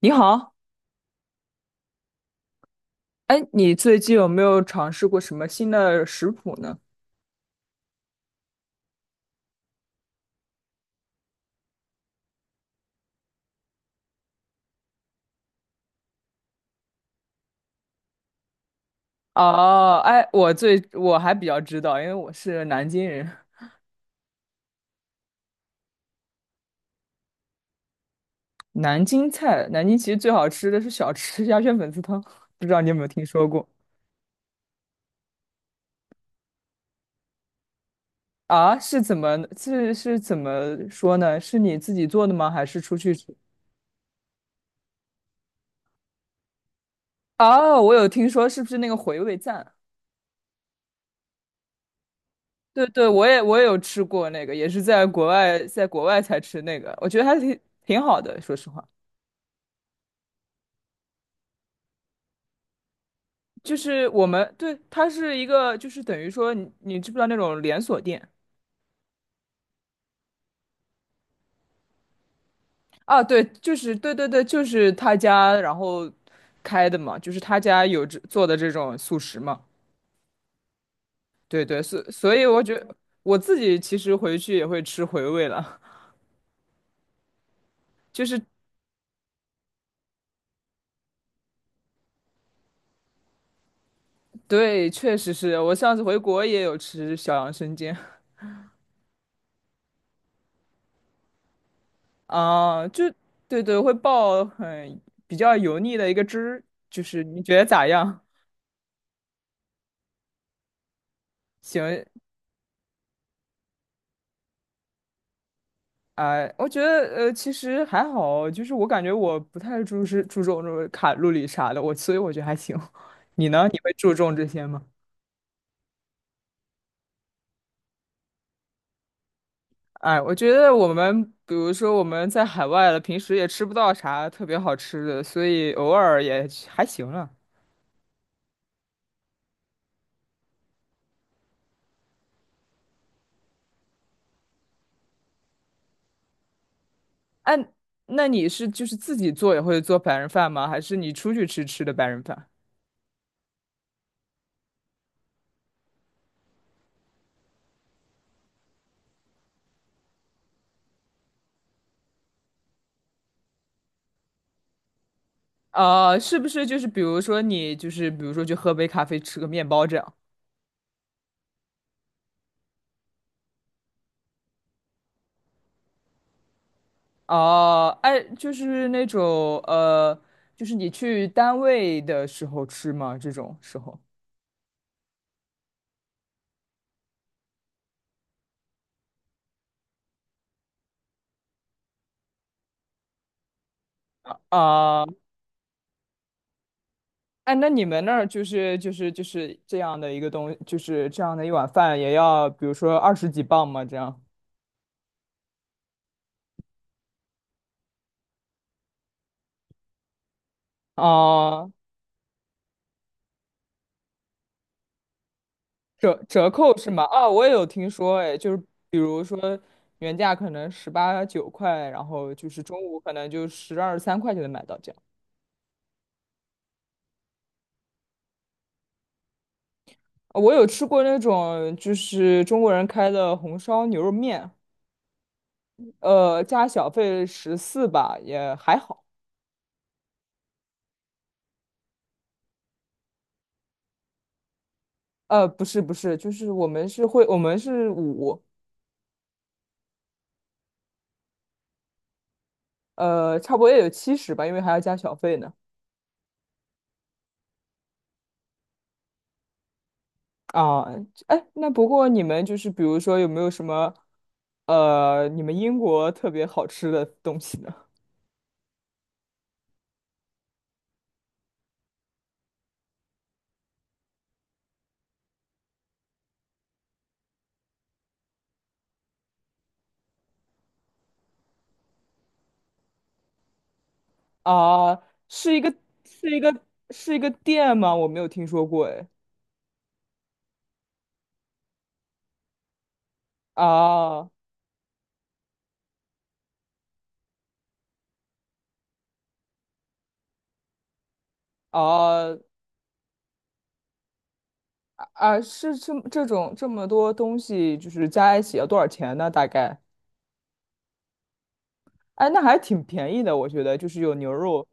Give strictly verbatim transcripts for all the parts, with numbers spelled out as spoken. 你好，哎，你最近有没有尝试过什么新的食谱呢？哦，哎，我最我还比较知道，因为我是南京人，南京菜，南京其实最好吃的是小吃 鸭血粉丝汤，不知道你有没有听说过啊？是怎么是是怎么说呢？是你自己做的吗？还是出去吃？哦，我有听说，是不是那个回味赞？对对，我也我也有吃过那个，也是在国外在国外才吃那个，我觉得还挺挺好的，说实话。就是我们对，它是一个，就是等于说你你知不知道那种连锁店啊？对，就是对对对，就是他家然后开的嘛，就是他家有这做的这种素食嘛。对对，所所以我觉得我自己其实回去也会吃回味了，就是对，确实是我上次回国也有吃小杨生煎啊，就对对会爆很比较油腻的一个汁儿，就是你觉得咋样？行，哎，我觉得呃，其实还好，就是我感觉我不太注是注重这种卡路里啥的，我所以我觉得还行。你呢？你会注重这些吗？哎，我觉得我们比如说我们在海外了，平时也吃不到啥特别好吃的，所以偶尔也还行了。哎，那你是就是自己做也会做白人饭吗？还是你出去吃吃的白人饭？啊，是不是就是比如说你就是比如说去喝杯咖啡吃个面包这样？哦，哎，就是那种呃，就是你去单位的时候吃吗？这种时候啊，哎，那你们那儿就是就是就是这样的一个东，就是这样的一碗饭也要，比如说二十几磅吗？这样啊，折折扣是吗？啊，我也有听说，哎，就是比如说原价可能十八九块，然后就是中午可能就十二三块就能买到这样。我有吃过那种就是中国人开的红烧牛肉面。呃，加小费十四吧，也还好。呃，不是不是，就是我们是会，我们是五，呃，差不多也有七十吧，因为还要加小费呢。啊，哎，那不过你们就是比如说有没有什么，呃，你们英国特别好吃的东西呢？啊，是一个是一个是一个店吗？我没有听说过，哎。啊啊啊！是这么这种这么多东西，就是加一起要多少钱呢？大概？哎，那还挺便宜的，我觉得就是有牛肉。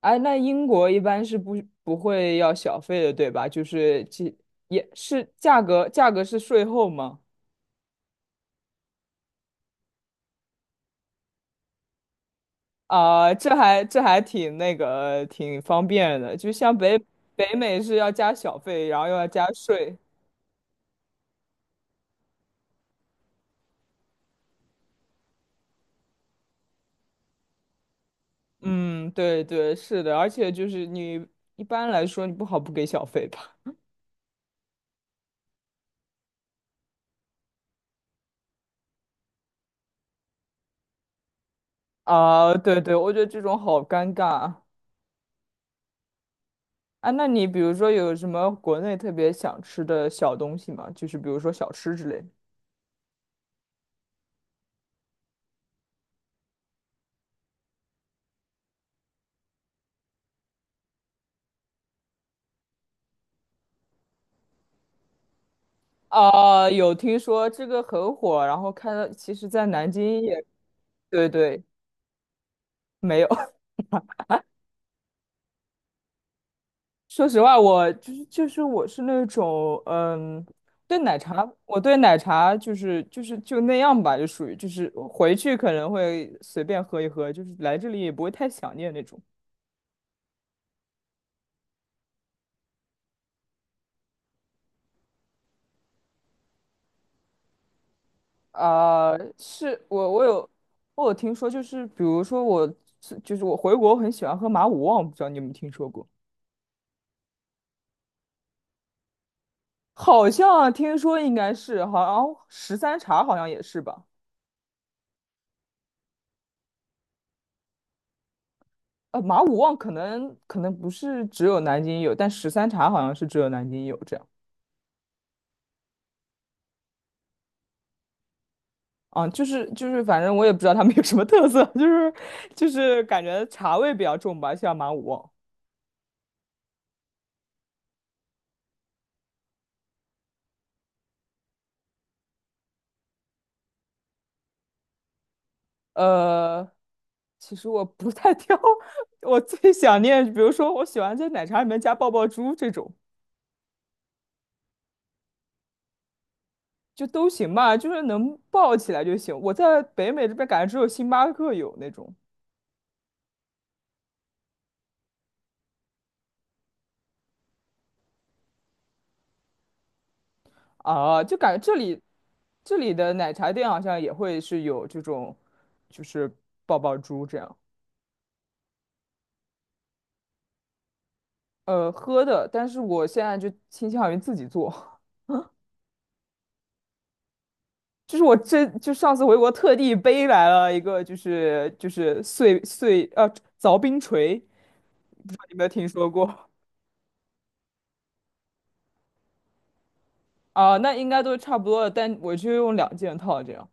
哎，那英国一般是不不会要小费的，对吧？就是其也是价格，价格是税后吗？啊、这还这还挺那个挺方便的，就像北北美是要加小费，然后又要加税。嗯，对对，是的，而且就是你一般来说你不好不给小费吧？啊、对对，我觉得这种好尴尬啊。啊，那你比如说有什么国内特别想吃的小东西吗？就是比如说小吃之类的。啊，有听说这个很火，然后看到其实在南京也，对对，没有。说实话，我就是就是我是那种嗯，对奶茶，我对奶茶就是就是就那样吧，就属于就是回去可能会随便喝一喝，就是来这里也不会太想念那种。啊、是我我有我有听说，就是比如说我是就是我回国很喜欢喝马五旺，不知道你有没有听说过？好像听说应该是，好像十三茶好像也是吧？呃，马五旺可能可能不是只有南京有，但十三茶好像是只有南京有这样。啊，就是就是，反正我也不知道他们有什么特色，就是就是感觉茶味比较重吧，像马五旺。呃，其实我不太挑，我最想念，比如说我喜欢在奶茶里面加爆爆珠这种，就都行吧，就是能爆起来就行。我在北美这边感觉只有星巴克有那种啊，就感觉这里这里的奶茶店好像也会是有这种，就是爆爆珠这样，呃，喝的。但是我现在就倾向于自己做，就是我这就上次回国特地背来了一个，就是就是碎碎呃凿冰锤，你有没有听说过？啊，那应该都差不多了，但我就用两件套这样，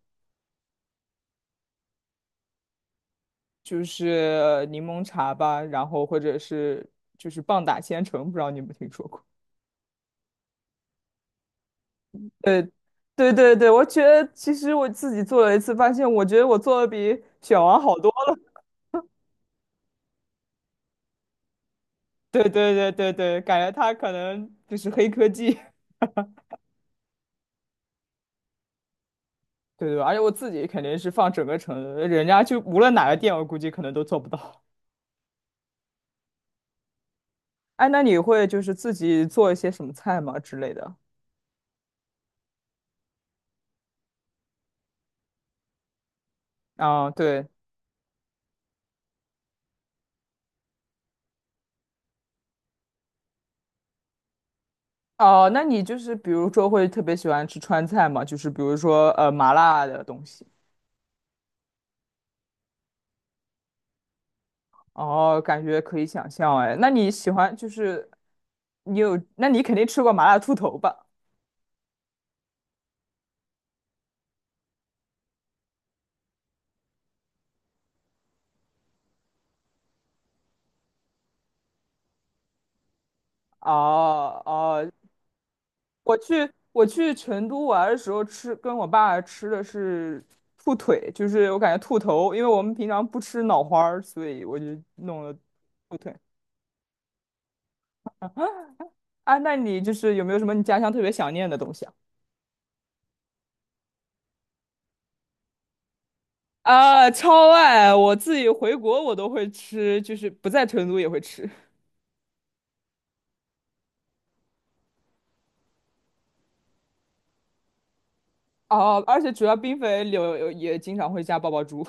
就是柠檬茶吧，然后或者是就是棒打千层，不知道你有没有听说过？对，对对对，我觉得其实我自己做了一次，发现我觉得我做的比选王好多了。对对对对对，感觉他可能就是黑科技。对对，而且我自己肯定是放整个城，人家就无论哪个店，我估计可能都做不到。哎，那你会就是自己做一些什么菜吗之类的？啊，对。哦，那你就是比如说会特别喜欢吃川菜吗？就是比如说呃麻辣的东西。哦，感觉可以想象哎。那你喜欢就是你有，那你肯定吃过麻辣兔头吧？哦哦，我去我去成都玩的时候吃，跟我爸吃的是兔腿，就是我感觉兔头，因为我们平常不吃脑花儿所以我就弄了兔腿。啊，那你就是有没有什么你家乡特别想念的东西啊？啊，超爱！我自己回国我都会吃，就是不在成都也会吃。哦，而且主要冰粉里有有也经常会加爆爆珠。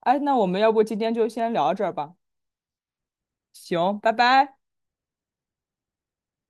哎，那我们要不今天就先聊到这儿吧？行，拜拜。